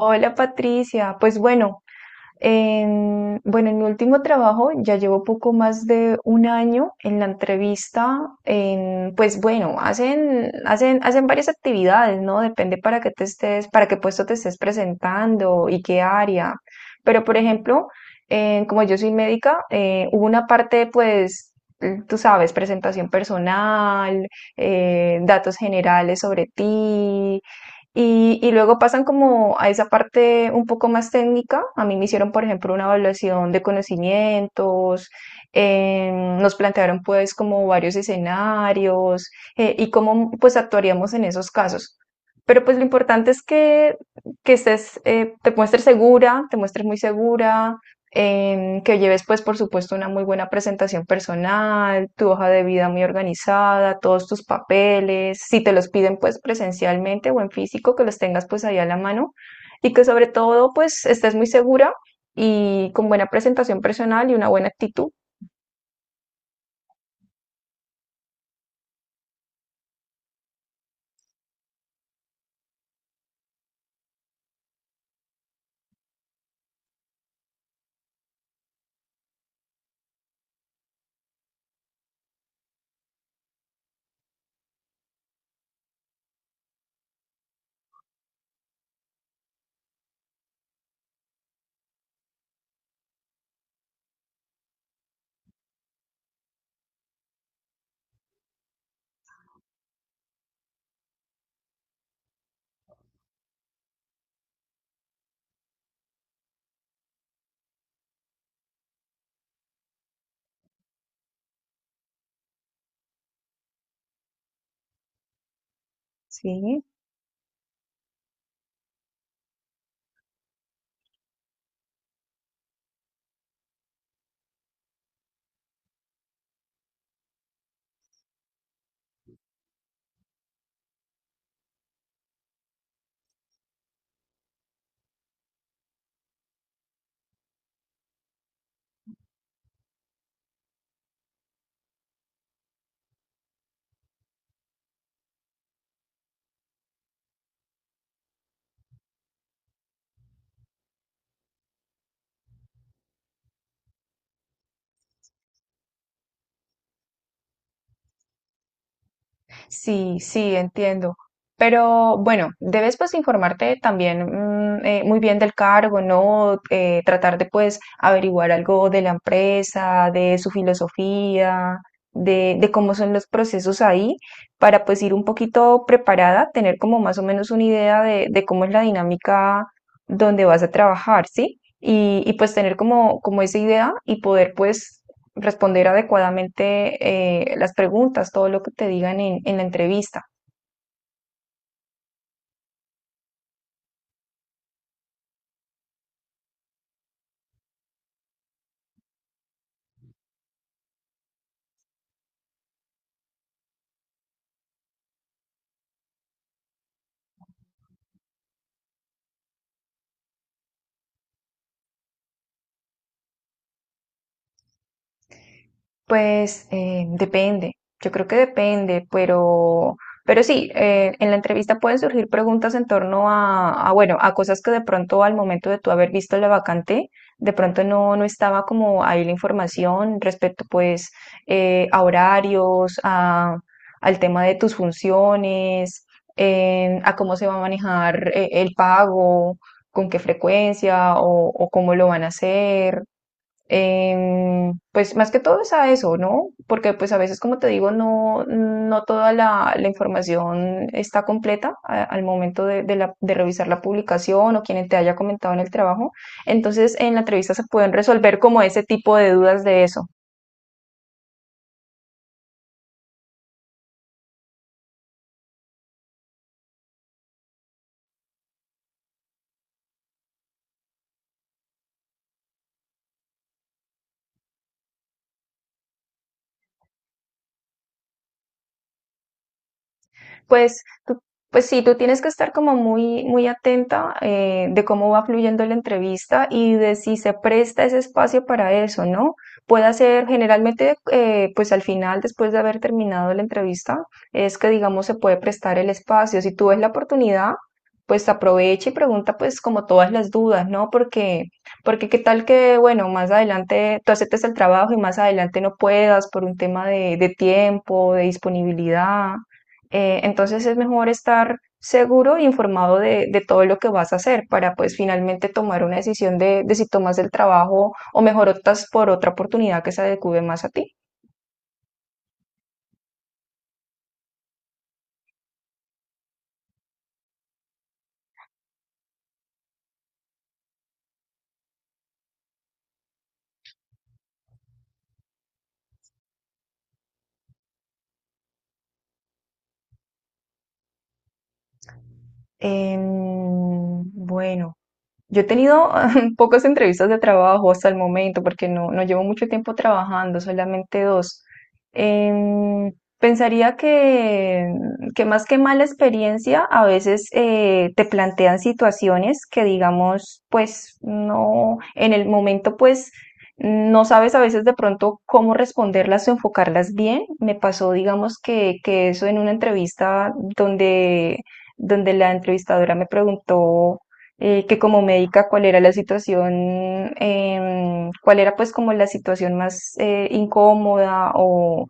Hola Patricia, pues bueno, en mi último trabajo ya llevo poco más de un año en la entrevista, pues bueno, hacen varias actividades, ¿no? Depende para qué puesto te estés presentando y qué área. Pero por ejemplo, como yo soy médica, hubo una parte, pues, tú sabes, presentación personal, datos generales sobre ti y luego pasan como a esa parte un poco más técnica. A mí me hicieron, por ejemplo, una evaluación de conocimientos. Nos plantearon pues como varios escenarios y cómo pues actuaríamos en esos casos. Pero pues lo importante es que estés, te muestres segura, te muestres muy segura, que lleves pues por supuesto una muy buena presentación personal, tu hoja de vida muy organizada, todos tus papeles, si te los piden pues presencialmente o en físico, que los tengas pues ahí a la mano y que sobre todo pues estés muy segura y con buena presentación personal y una buena actitud. Sí. Sí, sí, entiendo. Pero bueno, debes pues informarte también muy bien del cargo, ¿no? Tratar de pues averiguar algo de la empresa, de su filosofía, de cómo son los procesos ahí, para pues ir un poquito preparada, tener como más o menos una idea de cómo es la dinámica donde vas a trabajar, ¿sí? Y pues tener como, como esa idea y poder pues responder adecuadamente las preguntas, todo lo que te digan en la entrevista. Pues depende, yo creo que depende, pero sí, en la entrevista pueden surgir preguntas en torno bueno, a cosas que de pronto al momento de tú haber visto la vacante, de pronto no, no estaba como ahí la información respecto pues a horarios, a, al tema de tus funciones, a cómo se va a manejar el pago, con qué frecuencia o cómo lo van a hacer. Pues más que todo es a eso, ¿no? Porque pues a veces, como te digo, no, no toda la información está completa al momento de revisar la publicación o quien te haya comentado en el trabajo. Entonces, en la entrevista se pueden resolver como ese tipo de dudas de eso. Pues, tú, pues sí, tú tienes que estar como muy, muy atenta de cómo va fluyendo la entrevista y de si se presta ese espacio para eso, ¿no? Puede ser generalmente, pues al final, después de haber terminado la entrevista, es que digamos se puede prestar el espacio. Si tú ves la oportunidad, pues aprovecha y pregunta pues como todas las dudas, ¿no? Porque, porque qué tal que, bueno, más adelante tú aceptes el trabajo y más adelante no puedas por un tema de tiempo, de disponibilidad. Entonces es mejor estar seguro e informado de todo lo que vas a hacer para pues finalmente tomar una decisión de si tomas el trabajo o mejor optas por otra oportunidad que se adecue más a ti. Em, bueno. Yo he tenido pocas entrevistas de trabajo hasta el momento porque no, no llevo mucho tiempo trabajando, solamente dos. Em, Pensaría que más que mala experiencia, a veces te plantean situaciones que digamos, pues no, en el momento pues no sabes a veces de pronto cómo responderlas o enfocarlas bien. Me pasó digamos que eso en una entrevista donde la entrevistadora me preguntó que como médica cuál era la situación, cuál era pues como la situación más incómoda o,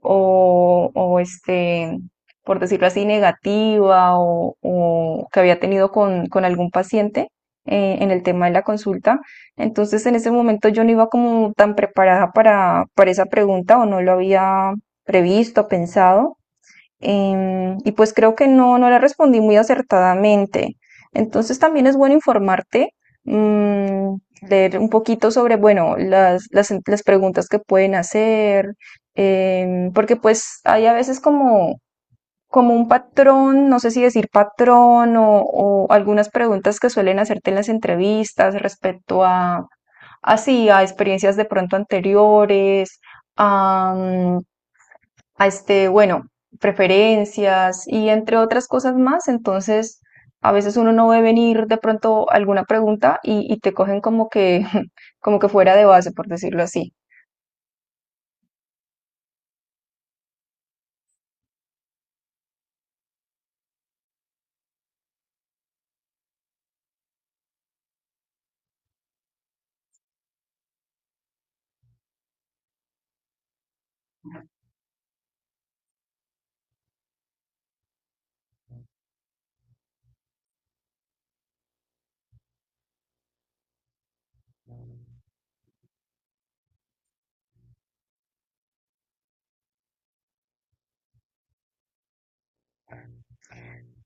o, o, este, por decirlo así, negativa o que había tenido con algún paciente en el tema de la consulta. Entonces en ese momento yo no iba como tan preparada para esa pregunta o no lo había previsto, pensado. Y pues creo que no, no le respondí muy acertadamente. Entonces también es bueno informarte, mm, leer un poquito sobre, bueno, las preguntas que pueden hacer, porque pues hay a veces como, como un patrón, no sé si decir patrón o algunas preguntas que suelen hacerte en las entrevistas respecto a, así, a experiencias de pronto anteriores. A, bueno, preferencias y entre otras cosas más. Entonces, a veces uno no ve venir de pronto alguna pregunta y te cogen como que, como que fuera de base, por decirlo así.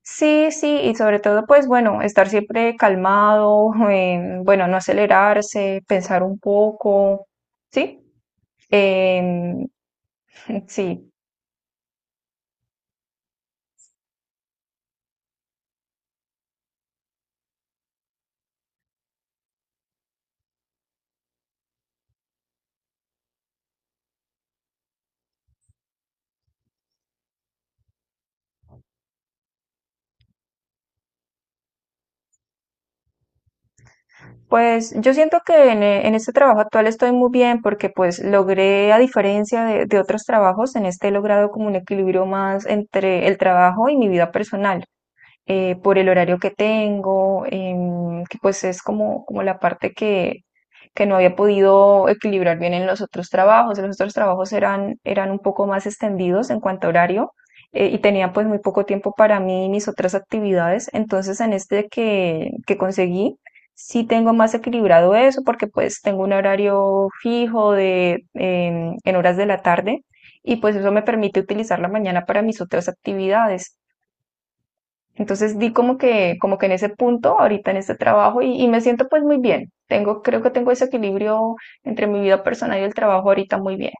Sí, sí, y sobre todo, pues bueno, estar siempre calmado, bueno, no acelerarse, pensar un poco, ¿sí? Em, sí. Pues yo siento en este trabajo actual estoy muy bien porque pues logré, a diferencia de otros trabajos, en este he logrado como un equilibrio más entre el trabajo y mi vida personal por el horario que tengo, que pues es como, como la parte que no había podido equilibrar bien en los otros trabajos. Los otros trabajos eran un poco más extendidos en cuanto a horario y tenía pues muy poco tiempo para mí y mis otras actividades. Entonces en este que conseguí, sí tengo más equilibrado eso porque pues tengo un horario fijo de, en horas de la tarde y pues eso me permite utilizar la mañana para mis otras actividades. Entonces di como que en ese punto, ahorita en este trabajo, y me siento pues muy bien. Tengo, creo que tengo ese equilibrio entre mi vida personal y el trabajo ahorita muy bien.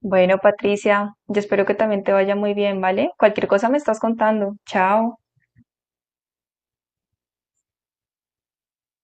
Bueno, Patricia, yo espero que también te vaya muy bien, ¿vale? Cualquier cosa me estás contando. Chao.